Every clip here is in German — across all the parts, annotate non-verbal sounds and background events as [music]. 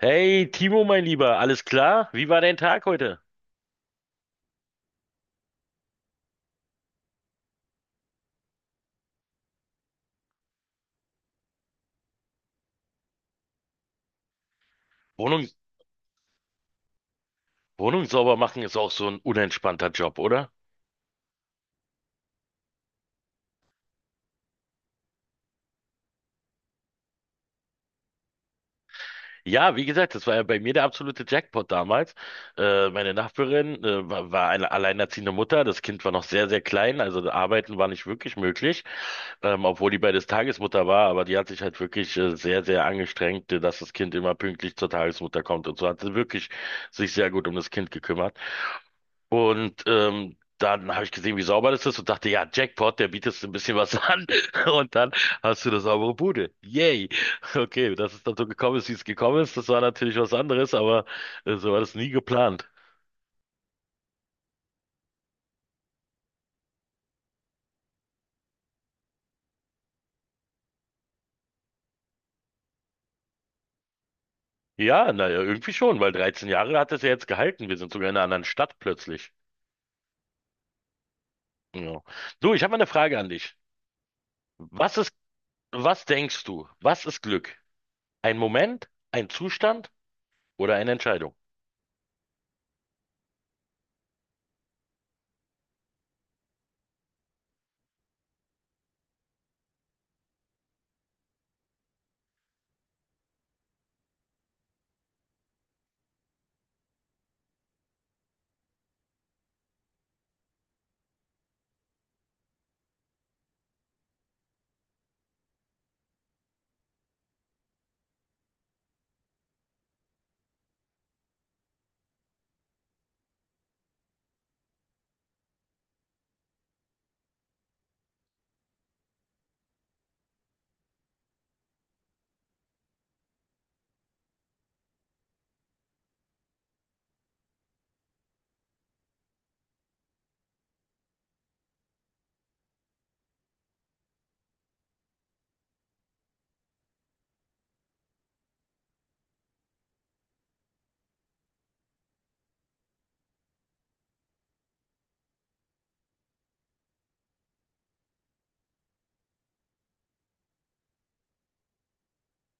Hey, Timo, mein Lieber, alles klar? Wie war dein Tag heute? Wohnung, Wohnung sauber machen ist auch so ein unentspannter Job, oder? Ja, wie gesagt, das war ja bei mir der absolute Jackpot damals. Meine Nachbarin, war eine alleinerziehende Mutter. Das Kind war noch sehr, sehr klein, also arbeiten war nicht wirklich möglich, obwohl die beides Tagesmutter war, aber die hat sich halt wirklich sehr, sehr angestrengt, dass das Kind immer pünktlich zur Tagesmutter kommt und so hat sie wirklich sich sehr gut um das Kind gekümmert. Und dann habe ich gesehen, wie sauber das ist und dachte, ja, Jackpot, der bietet so ein bisschen was an. [laughs] Und dann hast du eine saubere Bude. Yay. Okay, dass es dann so gekommen ist, wie es gekommen ist, das war natürlich was anderes, aber so war das nie geplant. Ja, naja, irgendwie schon, weil 13 Jahre hat es ja jetzt gehalten. Wir sind sogar in einer anderen Stadt plötzlich. Ja. Du, ich habe mal eine Frage an dich. Was ist, Was denkst du? Was ist Glück? Ein Moment, ein Zustand oder eine Entscheidung?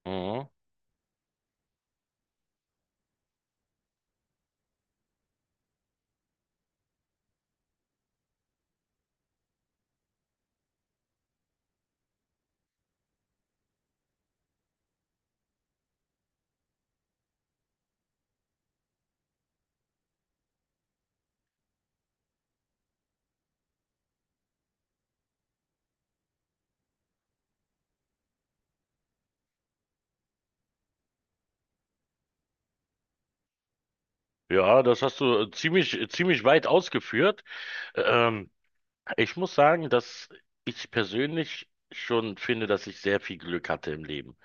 Mhm. Ja, das hast du ziemlich, ziemlich weit ausgeführt. Ähm, Ich muss sagen, dass ich persönlich schon finde, dass ich sehr viel Glück hatte im Leben.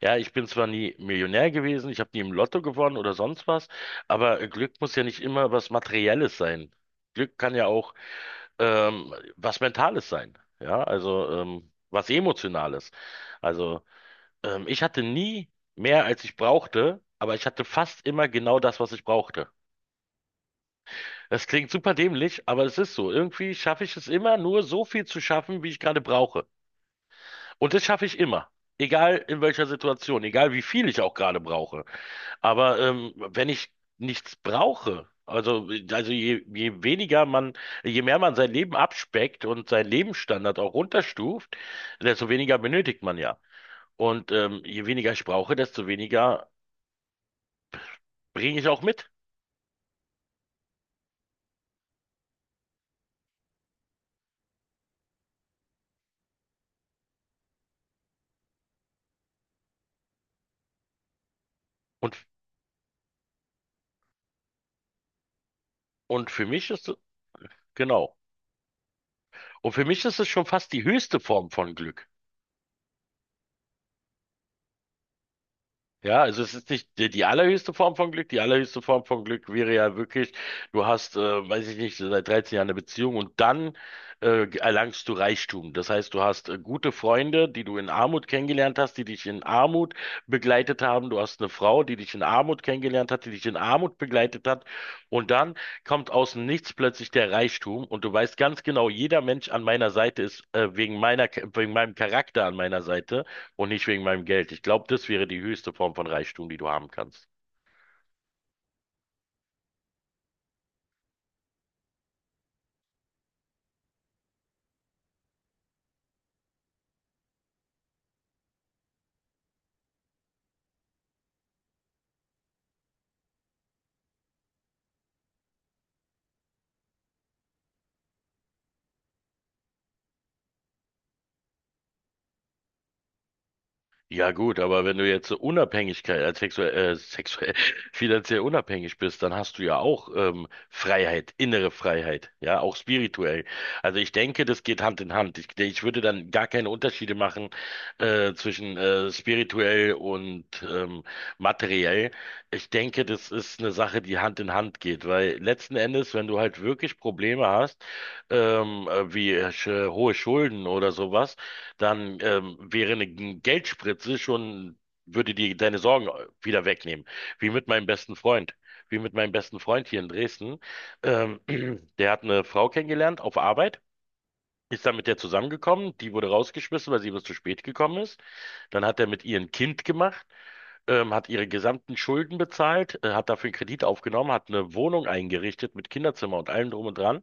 Ja, ich bin zwar nie Millionär gewesen, ich habe nie im Lotto gewonnen oder sonst was, aber Glück muss ja nicht immer was Materielles sein. Glück kann ja auch was Mentales sein. Ja, also was Emotionales. Also ich hatte nie mehr, als ich brauchte, aber ich hatte fast immer genau das, was ich brauchte. Das klingt super dämlich, aber es ist so. Irgendwie schaffe ich es immer, nur so viel zu schaffen, wie ich gerade brauche. Und das schaffe ich immer. Egal in welcher Situation, egal wie viel ich auch gerade brauche. Aber wenn ich nichts brauche, je weniger man, je mehr man sein Leben abspeckt und seinen Lebensstandard auch runterstuft, desto weniger benötigt man ja. Und je weniger ich brauche, desto weniger bringe ich auch mit. Und, und für mich ist, genau. Und für mich ist es schon fast die höchste Form von Glück. Ja, also es ist nicht die, die allerhöchste Form von Glück. Die allerhöchste Form von Glück wäre ja wirklich, du hast, weiß ich nicht, seit 13 Jahren eine Beziehung und dann erlangst du Reichtum. Das heißt, du hast gute Freunde, die du in Armut kennengelernt hast, die dich in Armut begleitet haben. Du hast eine Frau, die dich in Armut kennengelernt hat, die dich in Armut begleitet hat. Und dann kommt aus dem Nichts plötzlich der Reichtum und du weißt ganz genau, jeder Mensch an meiner Seite ist wegen meinem Charakter an meiner Seite und nicht wegen meinem Geld. Ich glaube, das wäre die höchste Form von Reichtum, die du haben kannst. Ja gut, aber wenn du jetzt so Unabhängigkeit, sexuell, [laughs] finanziell unabhängig bist, dann hast du ja auch Freiheit, innere Freiheit, ja, auch spirituell. Also ich denke, das geht Hand in Hand. Ich würde dann gar keine Unterschiede machen zwischen spirituell und materiell. Ich denke, das ist eine Sache, die Hand in Hand geht, weil letzten Endes, wenn du halt wirklich Probleme hast, wie hohe Schulden oder sowas, dann Geldspritze schon, würde dir deine Sorgen wieder wegnehmen. Wie mit meinem besten Freund. Wie mit meinem besten Freund hier in Dresden. Ähm, [clears throat] Der hat eine Frau kennengelernt auf Arbeit, ist dann mit der zusammengekommen, die wurde rausgeschmissen, weil sie was zu spät gekommen ist. Dann hat er mit ihr ein Kind gemacht, hat ihre gesamten Schulden bezahlt, hat dafür einen Kredit aufgenommen, hat eine Wohnung eingerichtet mit Kinderzimmer und allem drum und dran.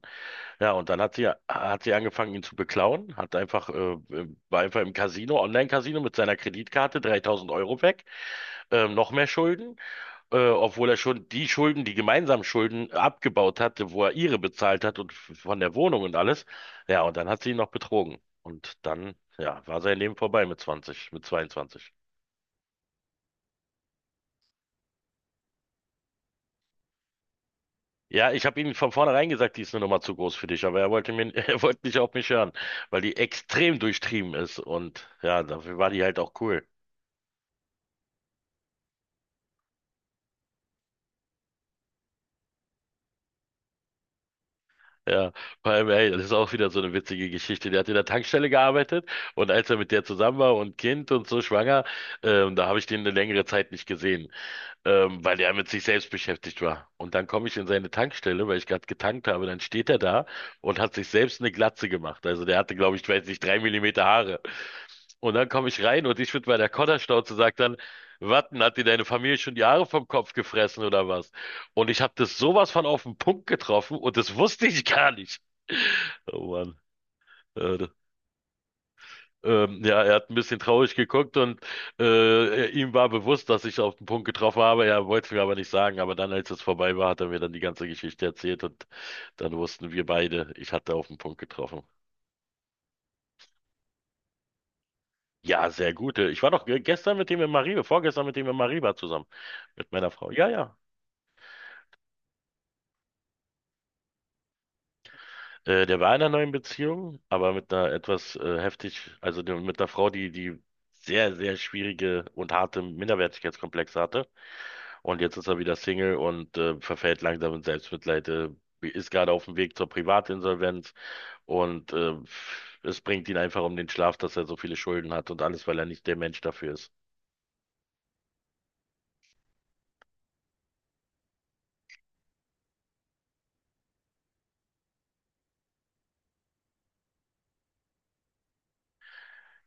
Ja, und dann hat sie angefangen, ihn zu beklauen, war einfach im Casino, Online-Casino mit seiner Kreditkarte 3.000 Euro weg, noch mehr Schulden, obwohl er schon die Schulden, die gemeinsamen Schulden abgebaut hatte, wo er ihre bezahlt hat und von der Wohnung und alles. Ja, und dann hat sie ihn noch betrogen. Und dann, ja, war sein Leben vorbei mit 20, mit 22. Ja, ich habe ihm von vornherein gesagt, die ist eine Nummer zu groß für dich, aber er wollte mir, [laughs] er wollte nicht auf mich hören, weil die extrem durchtrieben ist und ja, dafür war die halt auch cool. Ja, vor allem, ey, das ist auch wieder so eine witzige Geschichte. Der hat in der Tankstelle gearbeitet und als er mit der zusammen war und Kind und so schwanger, da habe ich den eine längere Zeit nicht gesehen weil er mit sich selbst beschäftigt war. Und dann komme ich in seine Tankstelle, weil ich gerade getankt habe, dann steht er da und hat sich selbst eine Glatze gemacht. Also der hatte, glaube ich, ich weiß nicht, 3 mm Haare. Und dann komme ich rein und ich mit meiner Kodderschnauze sagt dann, Watten, hat dir deine Familie schon die Haare vom Kopf gefressen oder was? Und ich habe das sowas von auf den Punkt getroffen und das wusste ich gar nicht. Oh Mann, äh, ja, er hat ein bisschen traurig geguckt und ihm war bewusst, dass ich auf den Punkt getroffen habe. Er wollte es mir aber nicht sagen. Aber dann, als es vorbei war, hat er mir dann die ganze Geschichte erzählt und dann wussten wir beide, ich hatte auf den Punkt getroffen. Ja, sehr gut. Ich war doch gestern mit ihm in Mariba, vorgestern mit ihm in Mariba zusammen, mit meiner Frau. Ja, ja. Der war in einer neuen Beziehung, aber mit einer etwas mit einer Frau, die die sehr, sehr schwierige und harte Minderwertigkeitskomplexe hatte. Und jetzt ist er wieder Single und verfällt langsam in Selbstmitleid, ist gerade auf dem Weg zur Privatinsolvenz und es bringt ihn einfach um den Schlaf, dass er so viele Schulden hat und alles, weil er nicht der Mensch dafür ist.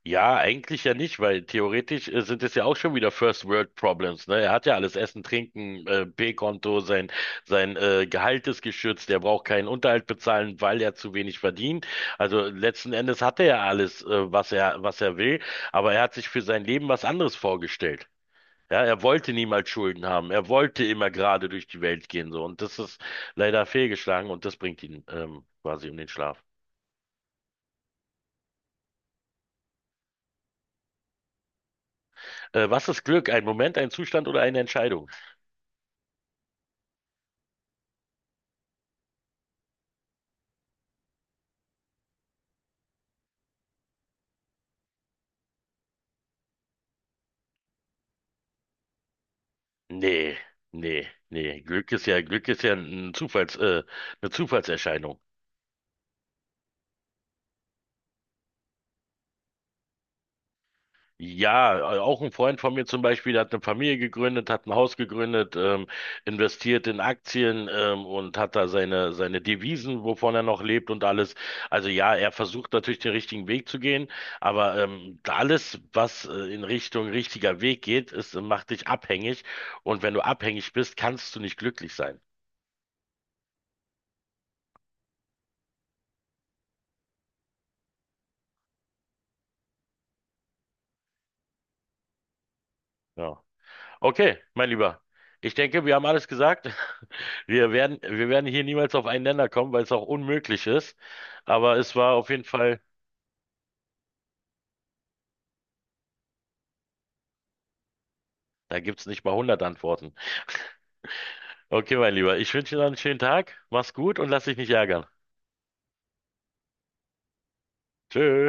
Ja, eigentlich ja nicht, weil theoretisch sind es ja auch schon wieder First World Problems, ne? Er hat ja alles Essen, Trinken, P-Konto, sein sein Gehalt ist geschützt, er braucht keinen Unterhalt bezahlen, weil er zu wenig verdient. Also letzten Endes hat er ja alles, was er will, aber er hat sich für sein Leben was anderes vorgestellt. Ja, er wollte niemals Schulden haben. Er wollte immer gerade durch die Welt gehen, so. Und das ist leider fehlgeschlagen und das bringt ihn quasi um den Schlaf. Was ist Glück? Ein Moment, ein Zustand oder eine Entscheidung? Nee, nee, nee. Glück ist ja ein eine Zufallserscheinung. Ja, auch ein Freund von mir zum Beispiel, der hat eine Familie gegründet, hat ein Haus gegründet, investiert in Aktien, und hat da seine Devisen, wovon er noch lebt und alles. Also ja, er versucht natürlich den richtigen Weg zu gehen, aber alles, was in Richtung richtiger Weg geht, macht dich abhängig. Und wenn du abhängig bist, kannst du nicht glücklich sein. Ja. Okay, mein Lieber. Ich denke, wir haben alles gesagt. [laughs] Wir werden hier niemals auf einen Nenner kommen, weil es auch unmöglich ist. Aber es war auf jeden Fall, Da gibt's nicht mal 100 Antworten. Okay, mein Lieber, ich wünsche dir noch einen schönen Tag. Mach's gut und lass dich nicht ärgern. Tschö.